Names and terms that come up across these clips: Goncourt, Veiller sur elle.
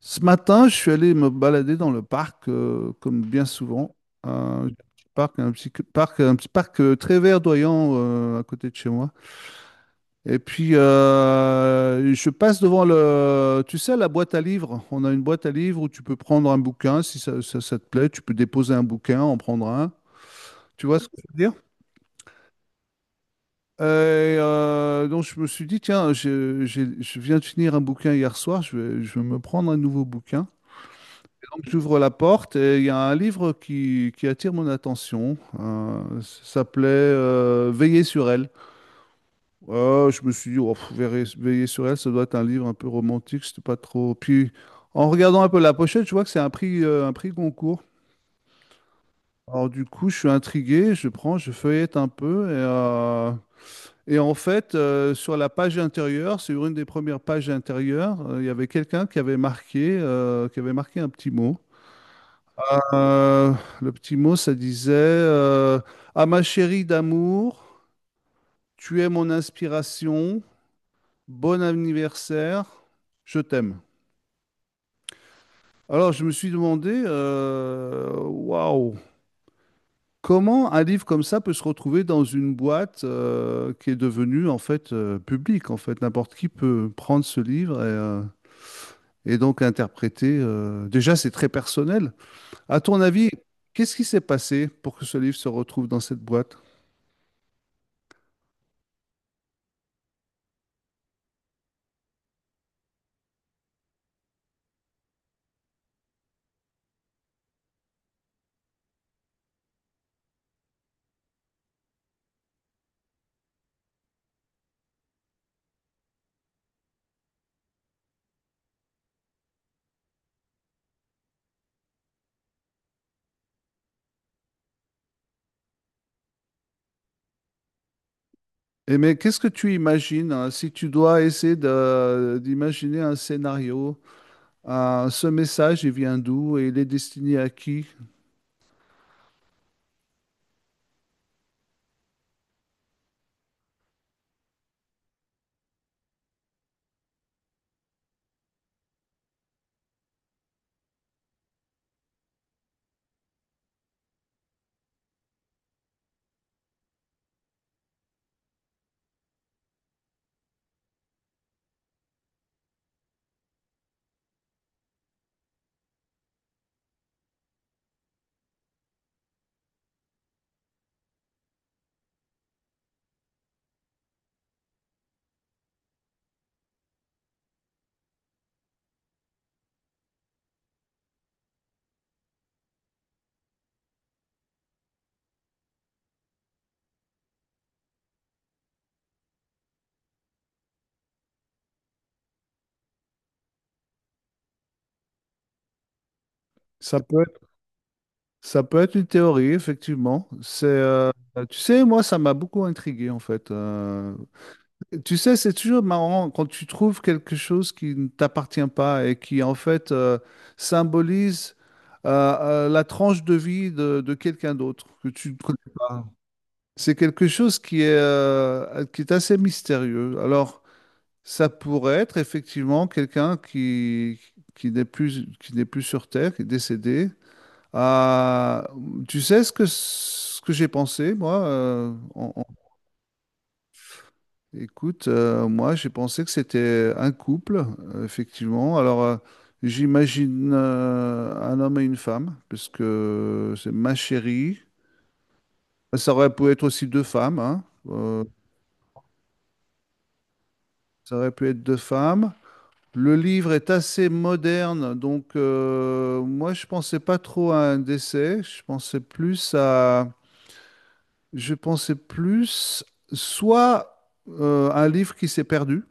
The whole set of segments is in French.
Ce matin, je suis allé me balader dans le parc, comme bien souvent. Un petit parc, un petit parc, un petit parc très verdoyant à côté de chez moi. Et puis, je passe devant le, tu sais, la boîte à livres. On a une boîte à livres où tu peux prendre un bouquin, si ça, ça te plaît, tu peux déposer un bouquin, en prendre un. Tu vois ce que je veux dire? Et, donc, je me suis dit, tiens, je viens de finir un bouquin hier soir, je vais me prendre un nouveau bouquin. Donc j'ouvre la porte et il y a un livre qui attire mon attention. Ça s'appelait Veiller sur elle. Je me suis dit, oh, pff, Veiller, Veiller sur elle, ça doit être un livre un peu romantique, c'était pas trop. Puis en regardant un peu la pochette, je vois que c'est un prix Goncourt. Alors du coup, je suis intrigué, je prends, je feuillette un peu et en fait, sur la page intérieure, sur une des premières pages intérieures, il y avait quelqu'un qui avait marqué un petit mot. Euh, le petit mot, ça disait à ma chérie d'amour, tu es mon inspiration, bon anniversaire, je t'aime. Alors, je me suis demandé, waouh, comment un livre comme ça peut se retrouver dans une boîte qui est devenue en fait publique. En fait, n'importe qui peut prendre ce livre et donc interpréter. Déjà, c'est très personnel. À ton avis, qu'est-ce qui s'est passé pour que ce livre se retrouve dans cette boîte? Et mais qu'est-ce que tu imagines hein, si tu dois essayer d'imaginer un scénario, ce message, il vient d'où et il est destiné à qui? Ça peut être, ça peut être une théorie, effectivement. C'est, tu sais, moi, ça m'a beaucoup intrigué, en fait. Tu sais, c'est toujours marrant quand tu trouves quelque chose qui ne t'appartient pas et qui, en fait, symbolise la tranche de vie de quelqu'un d'autre que tu ne connais pas. C'est quelque chose qui est assez mystérieux. Alors, ça pourrait être effectivement quelqu'un qui n'est plus sur Terre, qui est décédé. Ah, tu sais ce que j'ai pensé, moi? Écoute, moi, j'ai pensé que c'était un couple, effectivement. Alors, j'imagine un homme et une femme, parce que c'est ma chérie. Ça aurait pu être aussi deux femmes, hein. Ça aurait pu être deux femmes. Le livre est assez moderne, donc moi je pensais pas trop à un décès, je pensais plus à, je pensais plus soit un livre qui s'est perdu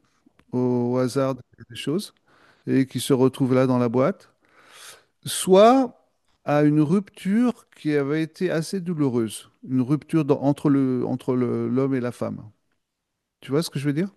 au, hasard des choses et qui se retrouve là dans la boîte, soit à une rupture qui avait été assez douloureuse, une rupture entre le, l'homme et la femme. Tu vois ce que je veux dire?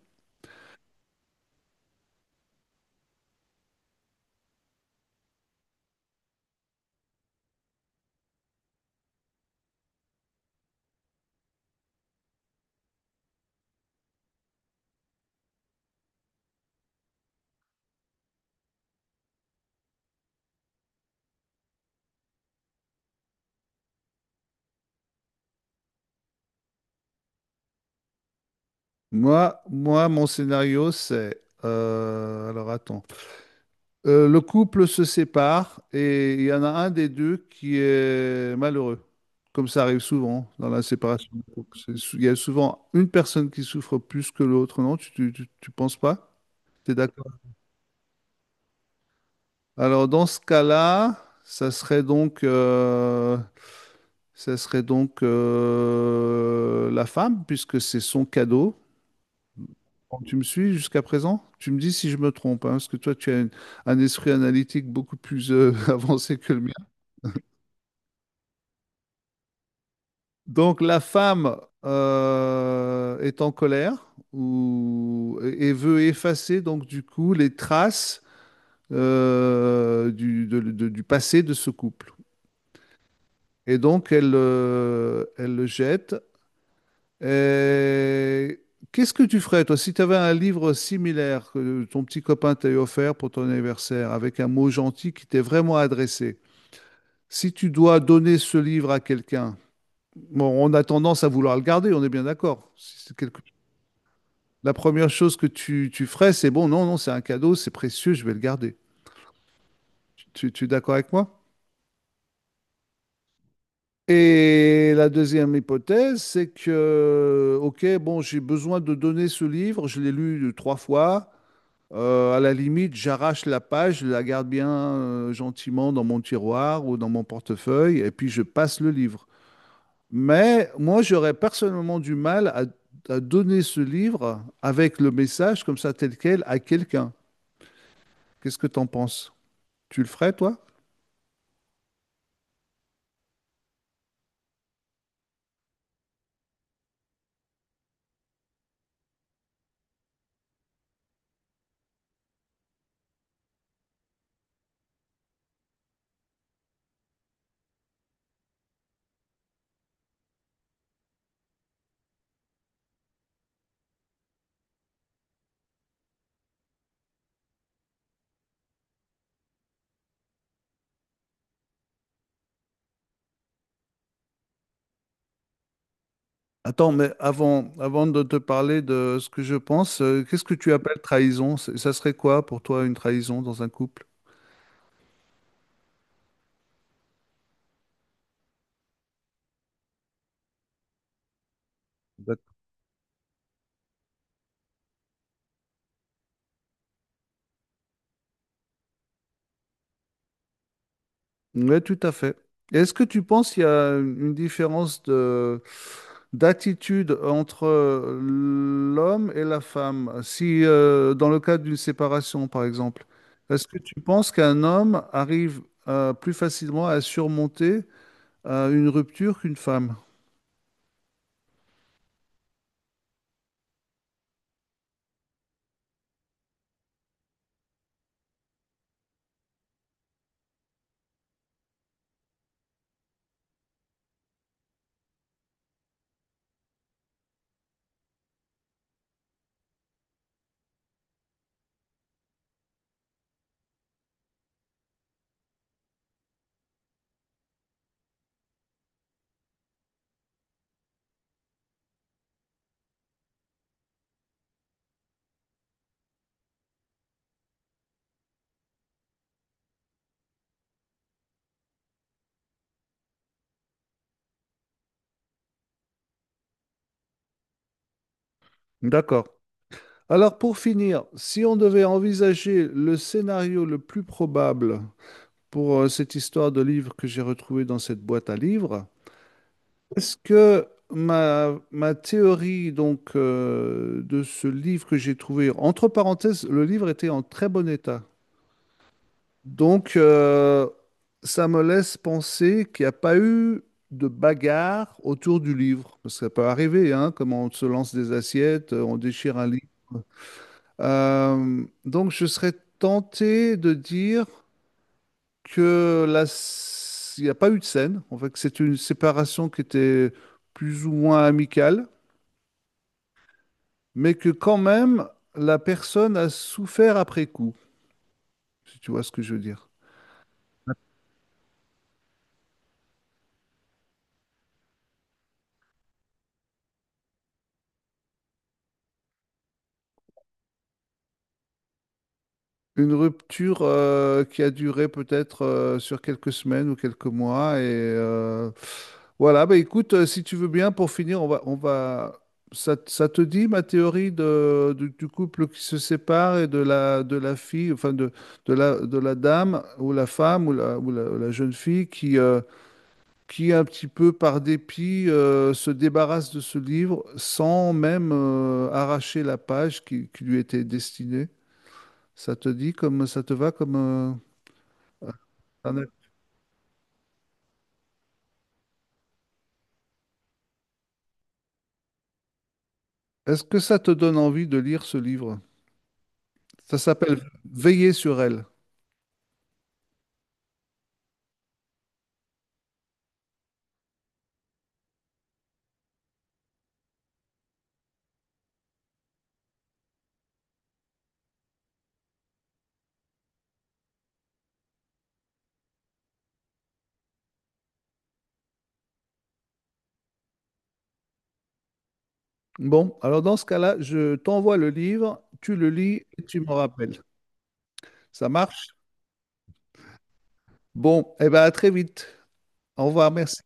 Moi, mon scénario c'est, alors attends. Le couple se sépare et il y en a un des deux qui est malheureux, comme ça arrive souvent dans la séparation. De couple. Il y a souvent une personne qui souffre plus que l'autre, non? Tu penses pas? Tu es d'accord? Alors dans ce cas-là, ça serait donc, euh, ça serait donc la femme, puisque c'est son cadeau. Bon, tu me suis jusqu'à présent? Tu me dis si je me trompe, hein, parce que toi, un esprit analytique beaucoup plus avancé que le mien. Donc la femme est en colère ou, et veut effacer donc du coup les traces du passé de ce couple. Et donc elle, elle le jette. Et qu'est-ce que tu ferais toi si tu avais un livre similaire que ton petit copain t'a offert pour ton anniversaire avec un mot gentil qui t'est vraiment adressé? Si tu dois donner ce livre à quelqu'un, bon, on a tendance à vouloir le garder, on est bien d'accord. Si c'est quelque la première chose que tu ferais, c'est bon, non, non, c'est un cadeau, c'est précieux, je vais le garder. Tu es d'accord avec moi? Et la deuxième hypothèse, c'est que, ok, bon, j'ai besoin de donner ce livre, je l'ai lu trois fois. À la limite, j'arrache la page, je la garde bien gentiment dans mon tiroir ou dans mon portefeuille, et puis je passe le livre. Mais moi, j'aurais personnellement du mal à donner ce livre avec le message comme ça, tel quel, à quelqu'un. Qu'est-ce que tu en penses? Tu le ferais, toi? Attends, mais avant, avant de te parler de ce que je pense, qu'est-ce que tu appelles trahison? Ça serait quoi pour toi une trahison dans un couple? D'ac- Oui, tout à fait. Et est-ce que tu penses qu'il y a une différence de d'attitude entre l'homme et la femme? Si dans le cas d'une séparation, par exemple, est-ce que tu penses qu'un homme arrive plus facilement à surmonter une rupture qu'une femme? D'accord. Alors pour finir, si on devait envisager le scénario le plus probable pour cette histoire de livre que j'ai retrouvée dans cette boîte à livres, est-ce que ma théorie donc de ce livre que j'ai trouvé, entre parenthèses, le livre était en très bon état. Donc ça me laisse penser qu'il n'y a pas eu de bagarre autour du livre. Parce que ça peut arriver, hein, comme on se lance des assiettes, on déchire un livre. Donc, je serais tenté de dire que il n'y a pas eu de scène. En fait, que c'est une séparation qui était plus ou moins amicale, mais que quand même, la personne a souffert après coup, si tu vois ce que je veux dire. Une rupture qui a duré peut-être sur quelques semaines ou quelques mois et voilà, bah écoute, si tu veux bien, pour finir, on va... ça te dit ma théorie de, du couple qui se sépare et de la fille, enfin de la dame ou la femme ou la, ou la, ou la jeune fille qui un petit peu par dépit se débarrasse de ce livre sans même arracher la page qui lui était destinée. Ça te dit comme ça te va comme un- Est-ce que ça te donne envie de lire ce livre? Ça s'appelle Veiller sur elle. Bon, alors dans ce cas-là, je t'envoie le livre, tu le lis et tu me rappelles. Ça marche? Bon, eh bien à très vite. Au revoir, merci.